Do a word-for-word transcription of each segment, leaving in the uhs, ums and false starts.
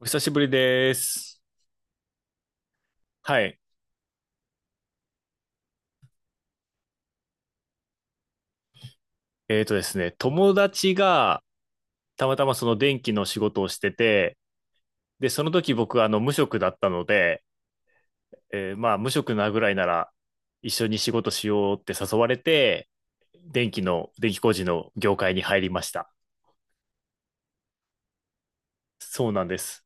お久しぶりです。はい。えーとですね、友達がたまたまその電気の仕事をしてて、で、その時僕はあの無職だったので、えーまあ無職なぐらいなら一緒に仕事しようって誘われて、電気の、電気工事の業界に入りました。そうなんです。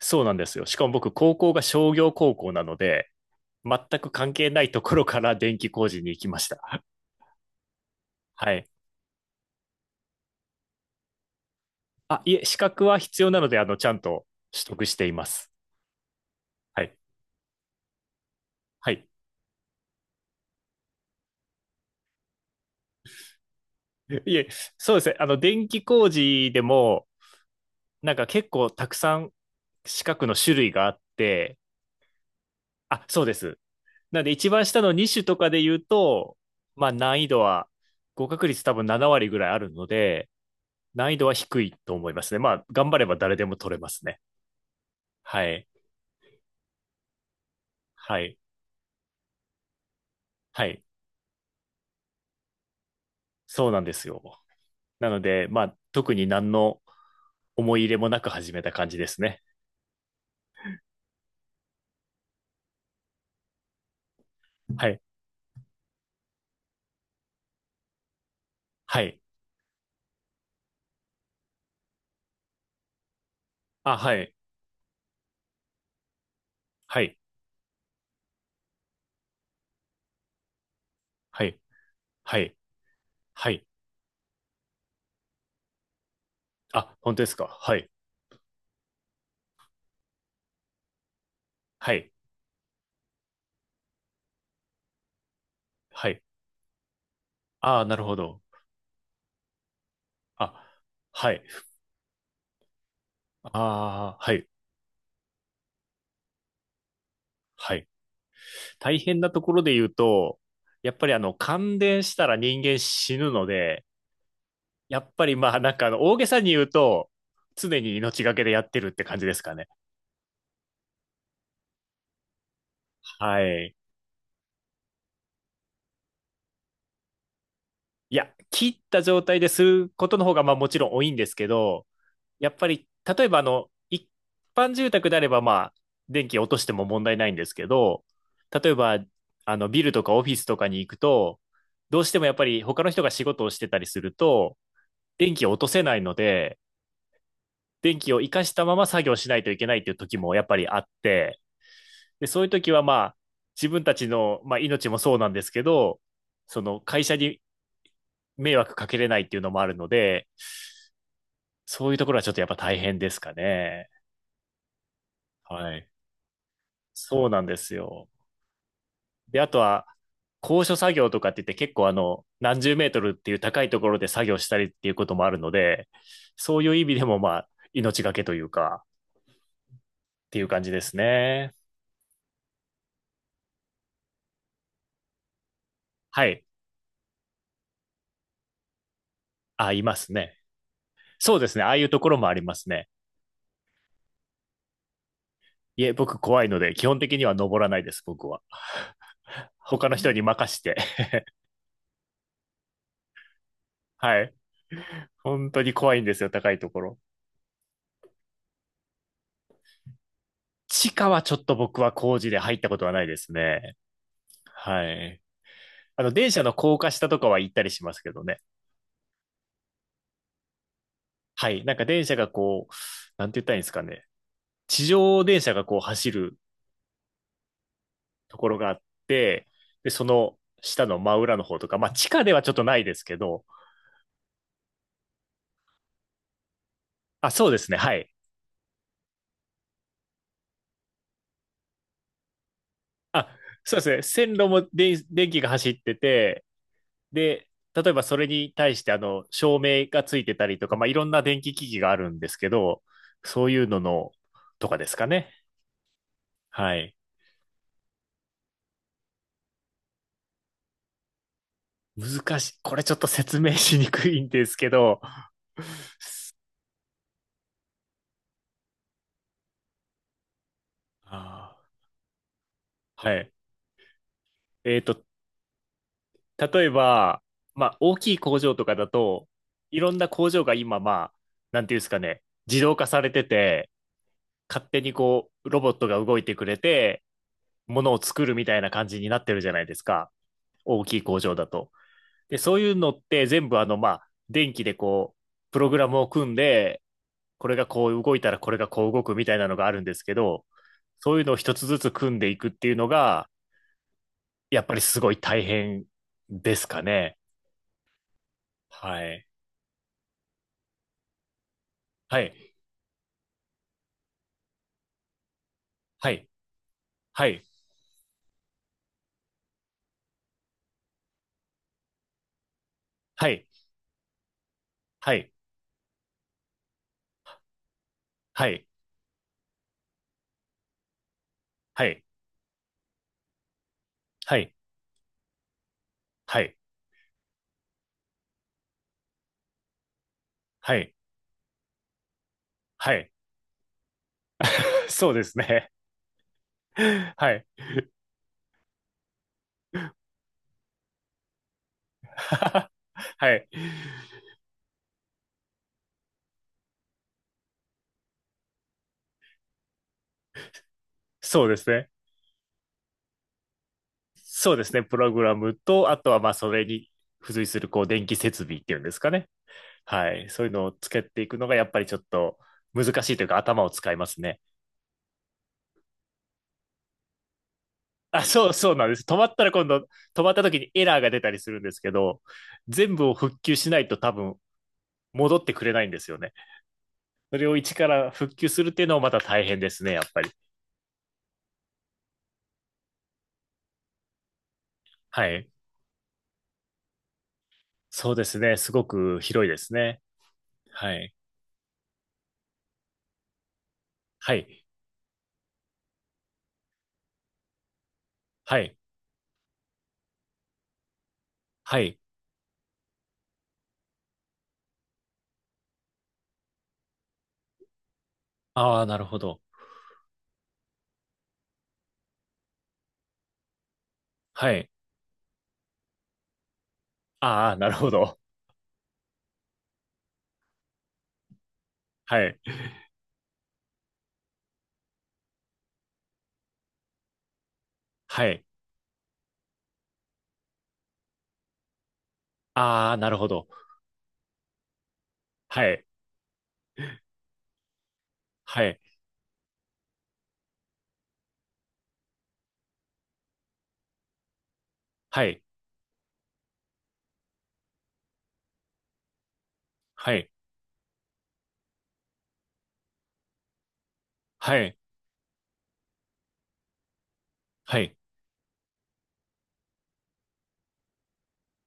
そうなんですよ。しかも僕、高校が商業高校なので、全く関係ないところから電気工事に行きました。はい。あ、いえ、資格は必要なので、あの、ちゃんと取得しています。はいはい。いえ、そうですね。あの、電気工事でも、なんか結構たくさん四角の種類があって、あ、そうです。なんで一番下のに種とかで言うと、まあ難易度は、合格率多分なな割ぐらいあるので、難易度は低いと思いますね。まあ、頑張れば誰でも取れますね。はい。はい。はい。そうなんですよ。なので、まあ、特に何の思い入れもなく始めた感じですね。はい。はい。あ、はい。はい。はい。はい。はい。あ、本当ですか。はい。はい。はい。ああ、なるほど。あ、はい。ああ、はい。はい。大変なところで言うと、やっぱりあの、感電したら人間死ぬので、やっぱりまあ、なんかあの、大げさに言うと、常に命がけでやってるって感じですかね。はい。いや、切った状態ですることの方が、まあもちろん多いんですけど、やっぱり、例えばあの、一般住宅であれば、まあ、電気落としても問題ないんですけど、例えば、あの、ビルとかオフィスとかに行くと、どうしてもやっぱり他の人が仕事をしてたりすると、電気を落とせないので、電気を活かしたまま作業しないといけないっていう時もやっぱりあって、で、そういう時はまあ、自分たちの、まあ、命もそうなんですけど、その会社に迷惑かけれないっていうのもあるので、そういうところはちょっとやっぱ大変ですかね。はい。そうなんですよ。で、あとは、高所作業とかって言って結構あの、何十メートルっていう高いところで作業したりっていうこともあるので、そういう意味でもまあ、命がけというか、っていう感じですね。はい。あ、いますね。そうですね。ああいうところもありますね。いえ、僕怖いので、基本的には登らないです、僕は。他の人に任して。はい。本当に怖いんですよ、高いところ。地下はちょっと僕は工事で入ったことはないですね。はい。あの、電車の高架下とかは行ったりしますけどね。はい。なんか電車がこう、なんて言ったらいいんですかね。地上電車がこう走るところがあって、で、その下の真裏の方とか、まあ地下ではちょっとないですけど、あ、そうですね。はい。あ、そうですね。線路も電、電気が走ってて、で、例えばそれに対してあの、照明がついてたりとか、まあいろんな電気機器があるんですけど、そういうのの、とかですかね。はい。難しい。これちょっと説明しにくいんですけど、あーはい。えっと、例えば、まあ、大きい工場とかだと、いろんな工場が今、まあ、なんていうんですかね、自動化されてて、勝手にこう、ロボットが動いてくれて、ものを作るみたいな感じになってるじゃないですか。大きい工場だと。で、そういうのって全部、あの、まあ、電気でこう、プログラムを組んで、これがこう動いたらこれがこう動くみたいなのがあるんですけど、そういうのを一つずつ組んでいくっていうのが、やっぱりすごい大変ですかね。はい。はい。はい。はい。はい。はい。はい。はい。はい。はい。はい。はい。そうですね。はい。はい。そうですね。そうですね。プログラムと、あとはまあそれに付随するこう電気設備っていうんですかね。はい。そういうのをつけていくのがやっぱりちょっと難しいというか頭を使いますね。あ、そう、そうなんです。止まったら今度、止まった時にエラーが出たりするんですけど、全部を復旧しないと多分戻ってくれないんですよね。それを一から復旧するっていうのもまた大変ですね、やっぱり。はい。そうですね。すごく広いですね。はい。はい。はい。はい。ああ、なるほど。はい。ああ、なるほど。はい。はい。ああ、なるほど。はい。はい。はい。はい。はい。はい。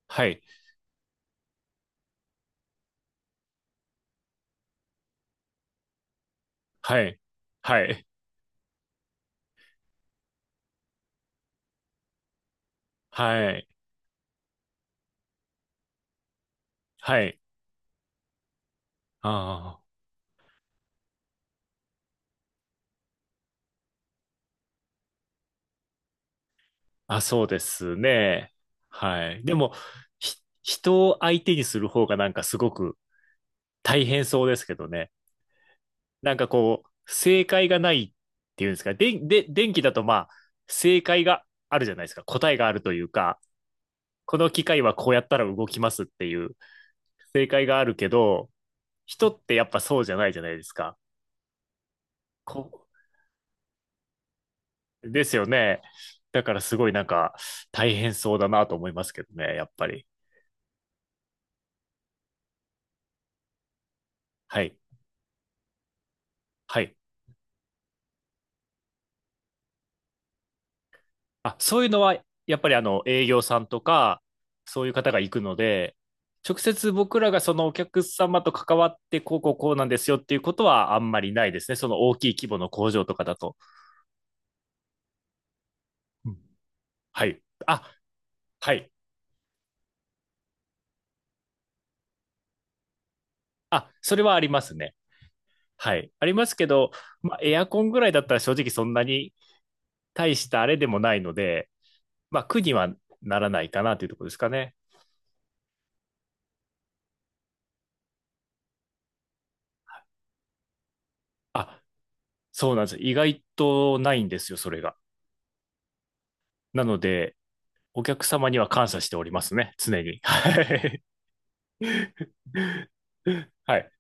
はい。はい。はい。はい。はい。ああ。あ、そうですね。はい。でも、ひ、人を相手にする方がなんかすごく大変そうですけどね。なんかこう、正解がないっていうんですか。で、で、電気だとまあ、正解があるじゃないですか。答えがあるというか、この機械はこうやったら動きますっていう正解があるけど、人ってやっぱそうじゃないじゃないですか。こ、ですよね。だからすごいなんか大変そうだなと思いますけどね、やっぱり。はい。はい。あ、そういうのは、やっぱりあの、営業さんとか、そういう方が行くので、直接僕らがそのお客様と関わって、こうこうこうなんですよっていうことはあんまりないですね。その大きい規模の工場とかだと。うんはい。あ、はい。あ、それはありますね。はい。ありますけど、まあ、エアコンぐらいだったら正直そんなに大したあれでもないので、まあ、苦にはならないかなというところですかね。あ、そうなんです。意外とないんですよ、それが。なので、お客様には感謝しておりますね、常に。はい。はい。